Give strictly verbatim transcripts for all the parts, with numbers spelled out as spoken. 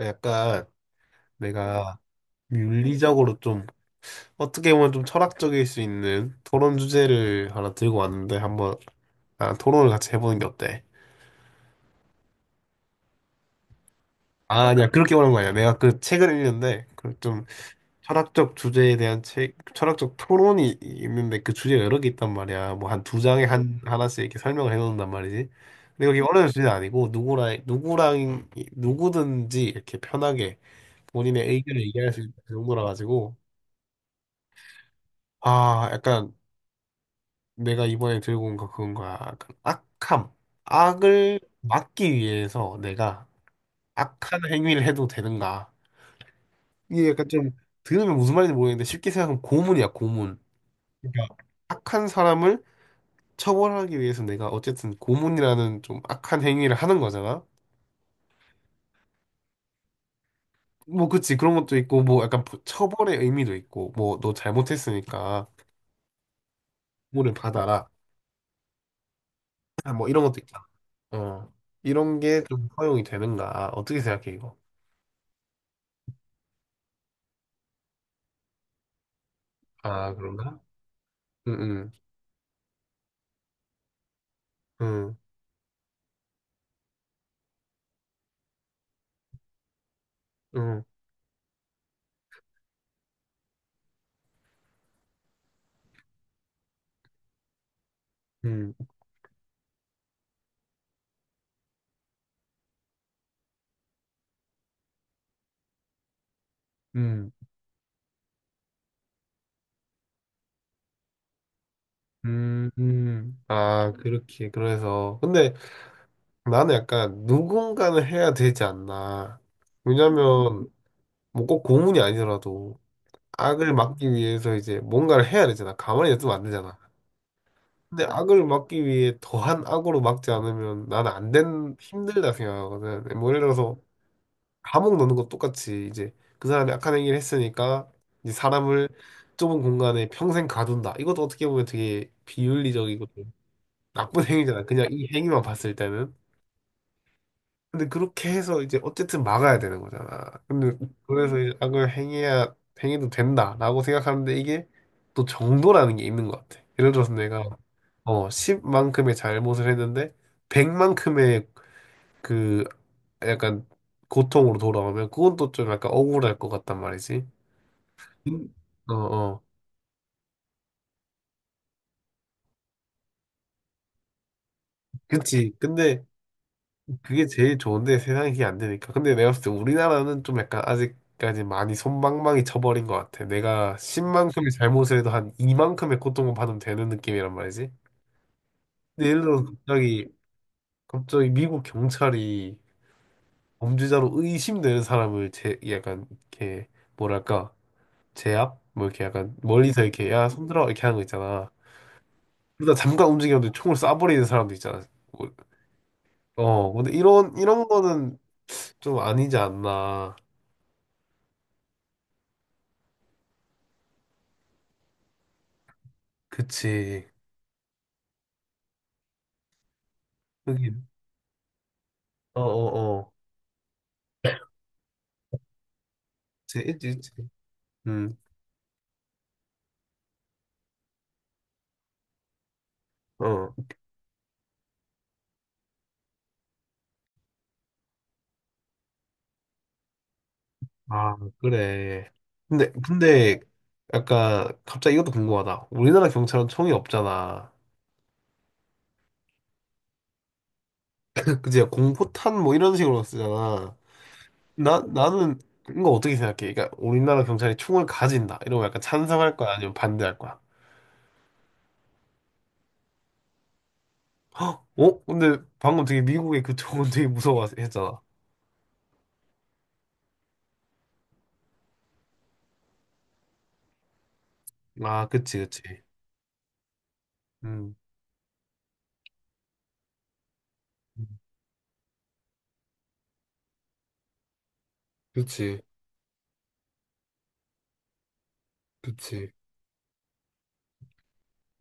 약간 내가 윤리적으로 좀 어떻게 보면 좀 철학적일 수 있는 토론 주제를 하나 들고 왔는데 한번 아, 토론을 같이 해보는 게 어때? 아, 아니야. 그렇게 말한 거 아니야. 내가 그 책을 읽는데 그 좀 철학적 주제에 대한 책, 철학적 토론이 있는데 그 주제가 여러 개 있단 말이야. 뭐 한 두 장에 한 하나씩 이렇게 설명을 해놓는단 말이지. 근데 여기 어려운 주제는 아니고 누구랑 누구랑 누구든지 이렇게 편하게 본인의 의견을 얘기할 수 있는 정도라 가지고 아, 약간 내가 이번에 들고 온 거 그건 거야. 약간 악함. 악을 막기 위해서 내가 악한 행위를 해도 되는가. 이게 약간 좀 들으면 무슨 말인지 모르겠는데 쉽게 생각하면 고문이야, 고문. 그러니까 악한 사람을 처벌하기 위해서 내가 어쨌든 고문이라는 좀 악한 행위를 하는 거잖아. 뭐 그치 그런 것도 있고 뭐 약간 부- 처벌의 의미도 있고 뭐 너 잘못했으니까 고문을 받아라. 아, 뭐 이런 것도 있잖아. 어. 이런 게 좀 허용이 되는가? 어떻게 생각해 이거? 아, 그런가? 응, 응, 응, 응, 응, 응, 응. 아, 그렇게, 그래서. 근데 나는 약간 누군가는 해야 되지 않나. 왜냐면, 뭐 꼭 고문이 아니더라도 악을 막기 위해서 이제 뭔가를 해야 되잖아. 가만히 있으면 안 되잖아. 근데 악을 막기 위해 더한 악으로 막지 않으면 나는 안 된, 힘들다 생각하거든. 뭐 예를 들어서 감옥 넣는 것 똑같이 이제 그 사람이 악한 행위를 했으니까 이제 사람을 좁은 공간에 평생 가둔다. 이것도 어떻게 보면 되게 비윤리적이고 좀 나쁜 행위잖아. 그냥 이 행위만 봤을 때는. 근데 그렇게 해서 이제 어쨌든 막아야 되는 거잖아. 근데 그래서 이제 악을 행해야 행해도 된다라고 생각하는데 이게 또 정도라는 게 있는 것 같아. 예를 들어서 내가 어 십만큼의 잘못을 했는데 백만큼의 약간 고통으로 돌아오면 그건 또 좀 약간 억울할 것 같단 말이지. 근- 어, 어. 그치. 근데 그게 제일 좋은데 세상에 그게 안 되니까. 근데 내가 봤을 때 우리나라는 좀 약간 아직까지 많이 손방망이 쳐버린 것 같아. 내가 십만큼의 잘못을 해도 한 이만큼의 고통을 받으면 되는 느낌이란 말이지. 근데 예를 들어서 갑자기, 갑자기, 미국 경찰이 범죄자로 의심되는 사람을 제, 약간 이렇게 뭐랄까, 제압? 뭐 이렇게 약간 멀리서 이렇게 야, 손들어! 이렇게 하는 거 있잖아. 그러다 잠깐 움직였는데 총을 쏴버리는 사람도 있잖아. 뭐, 어, 근데 이런, 이런 거는 좀 아니지 않나. 그치. 여기, 어, 어, 어. 그치, 있지, 있지. 음, 어. 아, 그래. 근데, 근데, 약간, 갑자기 이것도 궁금하다. 우리나라 경찰은 총이 없잖아. 그치, 공포탄 뭐 이런 식으로 쓰잖아. 나, 나는, 이거 어떻게 생각해? 그러니까, 우리나라 경찰이 총을 가진다. 이러면 약간 찬성할 거야? 아니면 반대할 거야? 어? 근데 방금 되게 미국의 그쪽은 되게 무서워했잖아. 아, 그치, 그치. 음, 그치, 그치.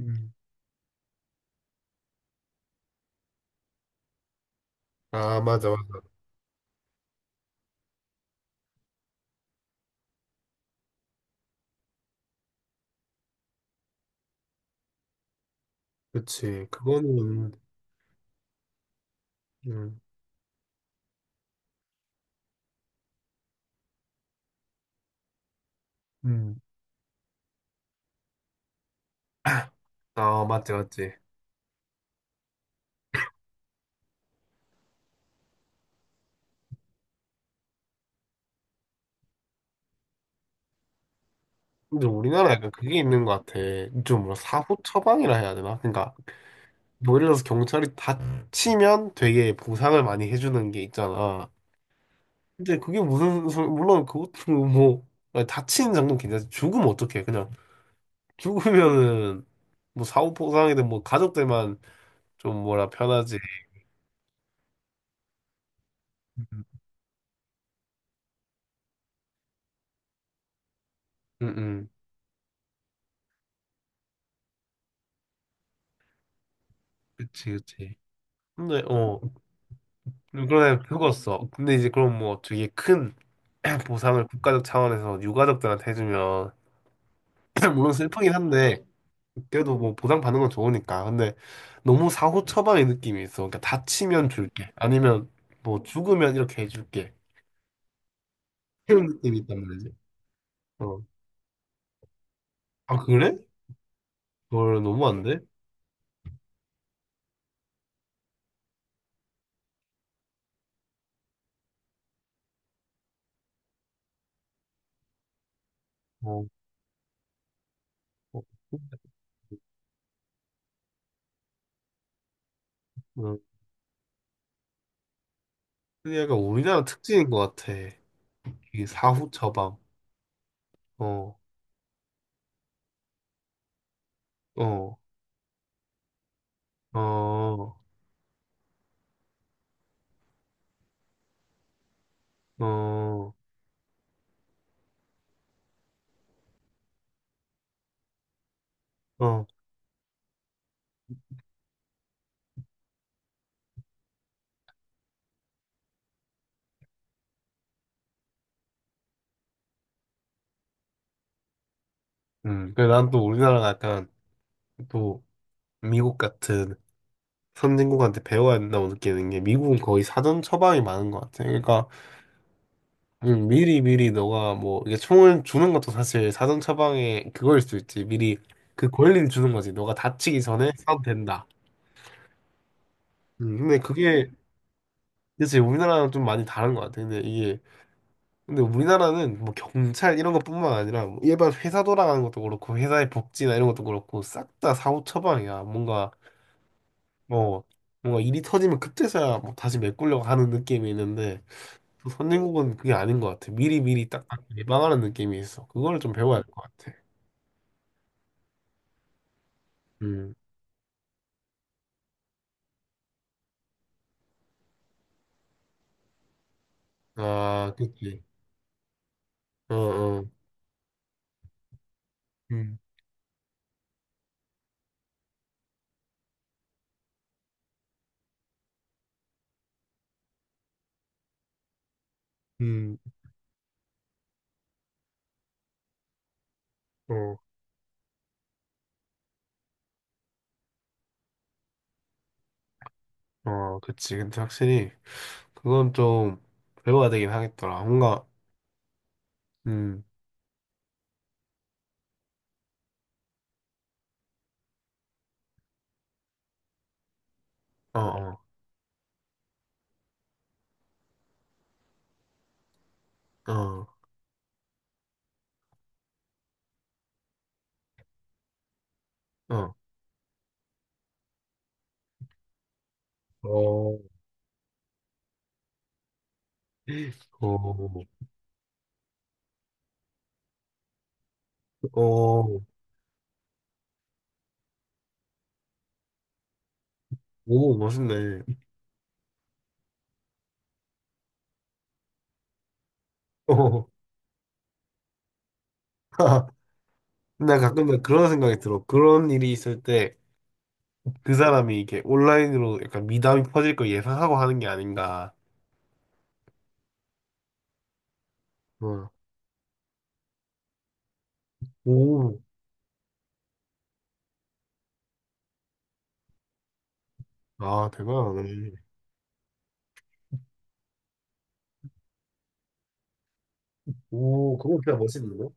음. 아, 맞아, 맞아. 그치. 그거는, 음, 음. 아, 맞지, 맞지. 근데 우리나라 약간 그게 있는 것 같아. 좀 뭐라 사후 처방이라 해야 되나? 그러니까 뭐 예를 들어서 경찰이 다치면 되게 보상을 많이 해주는 게 있잖아. 근데 그게 무슨 소- 물론 그것도 뭐 다치는 장면 괜찮지. 죽으면 어떡해? 그냥 죽으면은 뭐 사후 포상이든 뭐 가족들만 좀 뭐라 편하지. 음, 응, 응. 그치, 그치. 근데, 어, 그러네, 죽었어. 근데 이제 그럼 뭐 되게 큰 보상을 국가적 차원에서 유가족들한테 해주면, 물론 슬프긴 한데, 그래도 뭐 보상 받는 건 좋으니까. 근데 너무 사후 처방의 느낌이 있어. 그러니까 다치면 줄게. 아니면 뭐 죽으면 이렇게 해줄게. 이런 느낌이 있단 말이지. 어. 아, 그래? 그걸 너무 안 돼? 어. 어. 어. 그게 약간 우리나라 특징인 것 같아. 이 사후 처방. 어, 어, 어, 어, 어. 음, 그래, 난또 우리나라가 약간 또 미국 같은 선진국한테 배워야 된다고 느끼는 게 미국은 거의 사전 처방이 많은 것 같아. 그러니까 음, 미리 미리 너가 뭐 이게 총을 주는 것도 사실 사전 처방의 그거일 수 있지. 미리 그 권리를 주는 거지. 너가 다치기 전에 사도 된다. 음, 근데 그게 그치 우리나라랑 좀 많이 다른 것 같아. 근데 이게 근데 우리나라는 뭐 경찰 이런 것뿐만 아니라 뭐 일반 회사 돌아가는 것도 그렇고 회사의 복지나 이런 것도 그렇고 싹 다 사후 처방이야. 뭔가 뭐 뭔가 일이 터지면 그때서야 뭐 다시 메꾸려고 하는 느낌이 있는데 또 선진국은 그게 아닌 것 같아. 미리 미리 딱 예방하는 느낌이 있어. 그거를 좀 배워야 할 것 같아. 음. 아, 그치. 어, 어. 음, 음, 어, 어, 그치. 근데 확실히 그건 좀 배워야 되긴 하겠더라. 뭔가, 음, 어, 어, 어. 어. 어, 어, 어, 오, 멋있네. 어, 나 가끔 그런 생각이 들어. 그런 일이 있을 때 그 사람이 이게 렇 온라인으로 약간 미담이 퍼질 걸 예상하고 하는 게 아닌가. 어, 오, 아, 대단하네. 오, 그거 진짜 멋있는데?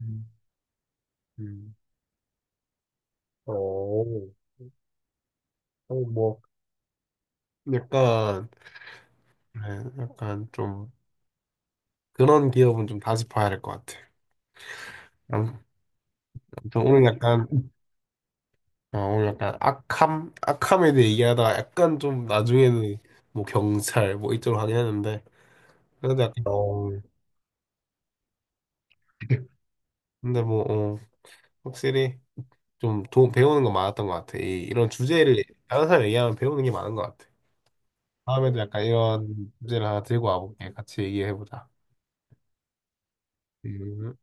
음, 음. 어, 어, 뭐, 약간, 네, 약간 좀 그런 기업은 좀 다시 봐야 될 것 같아. 아무튼 오늘 약간 아, 오늘 약간 악함? 악함에 대해 얘기하다가 약간 좀 나중에는 뭐 경찰 뭐 이쪽으로 가긴 했는데 그래도 약간 어, 근데 뭐 어, 확실히 좀 도, 배우는 거 많았던 것 같아. 이, 이런 주제를 다른 사람 얘기하면 배우는 게 많은 것 같아. 다음에도 약간 이런 주제를 하나 들고 와볼게. 같이 얘기해보자. 음.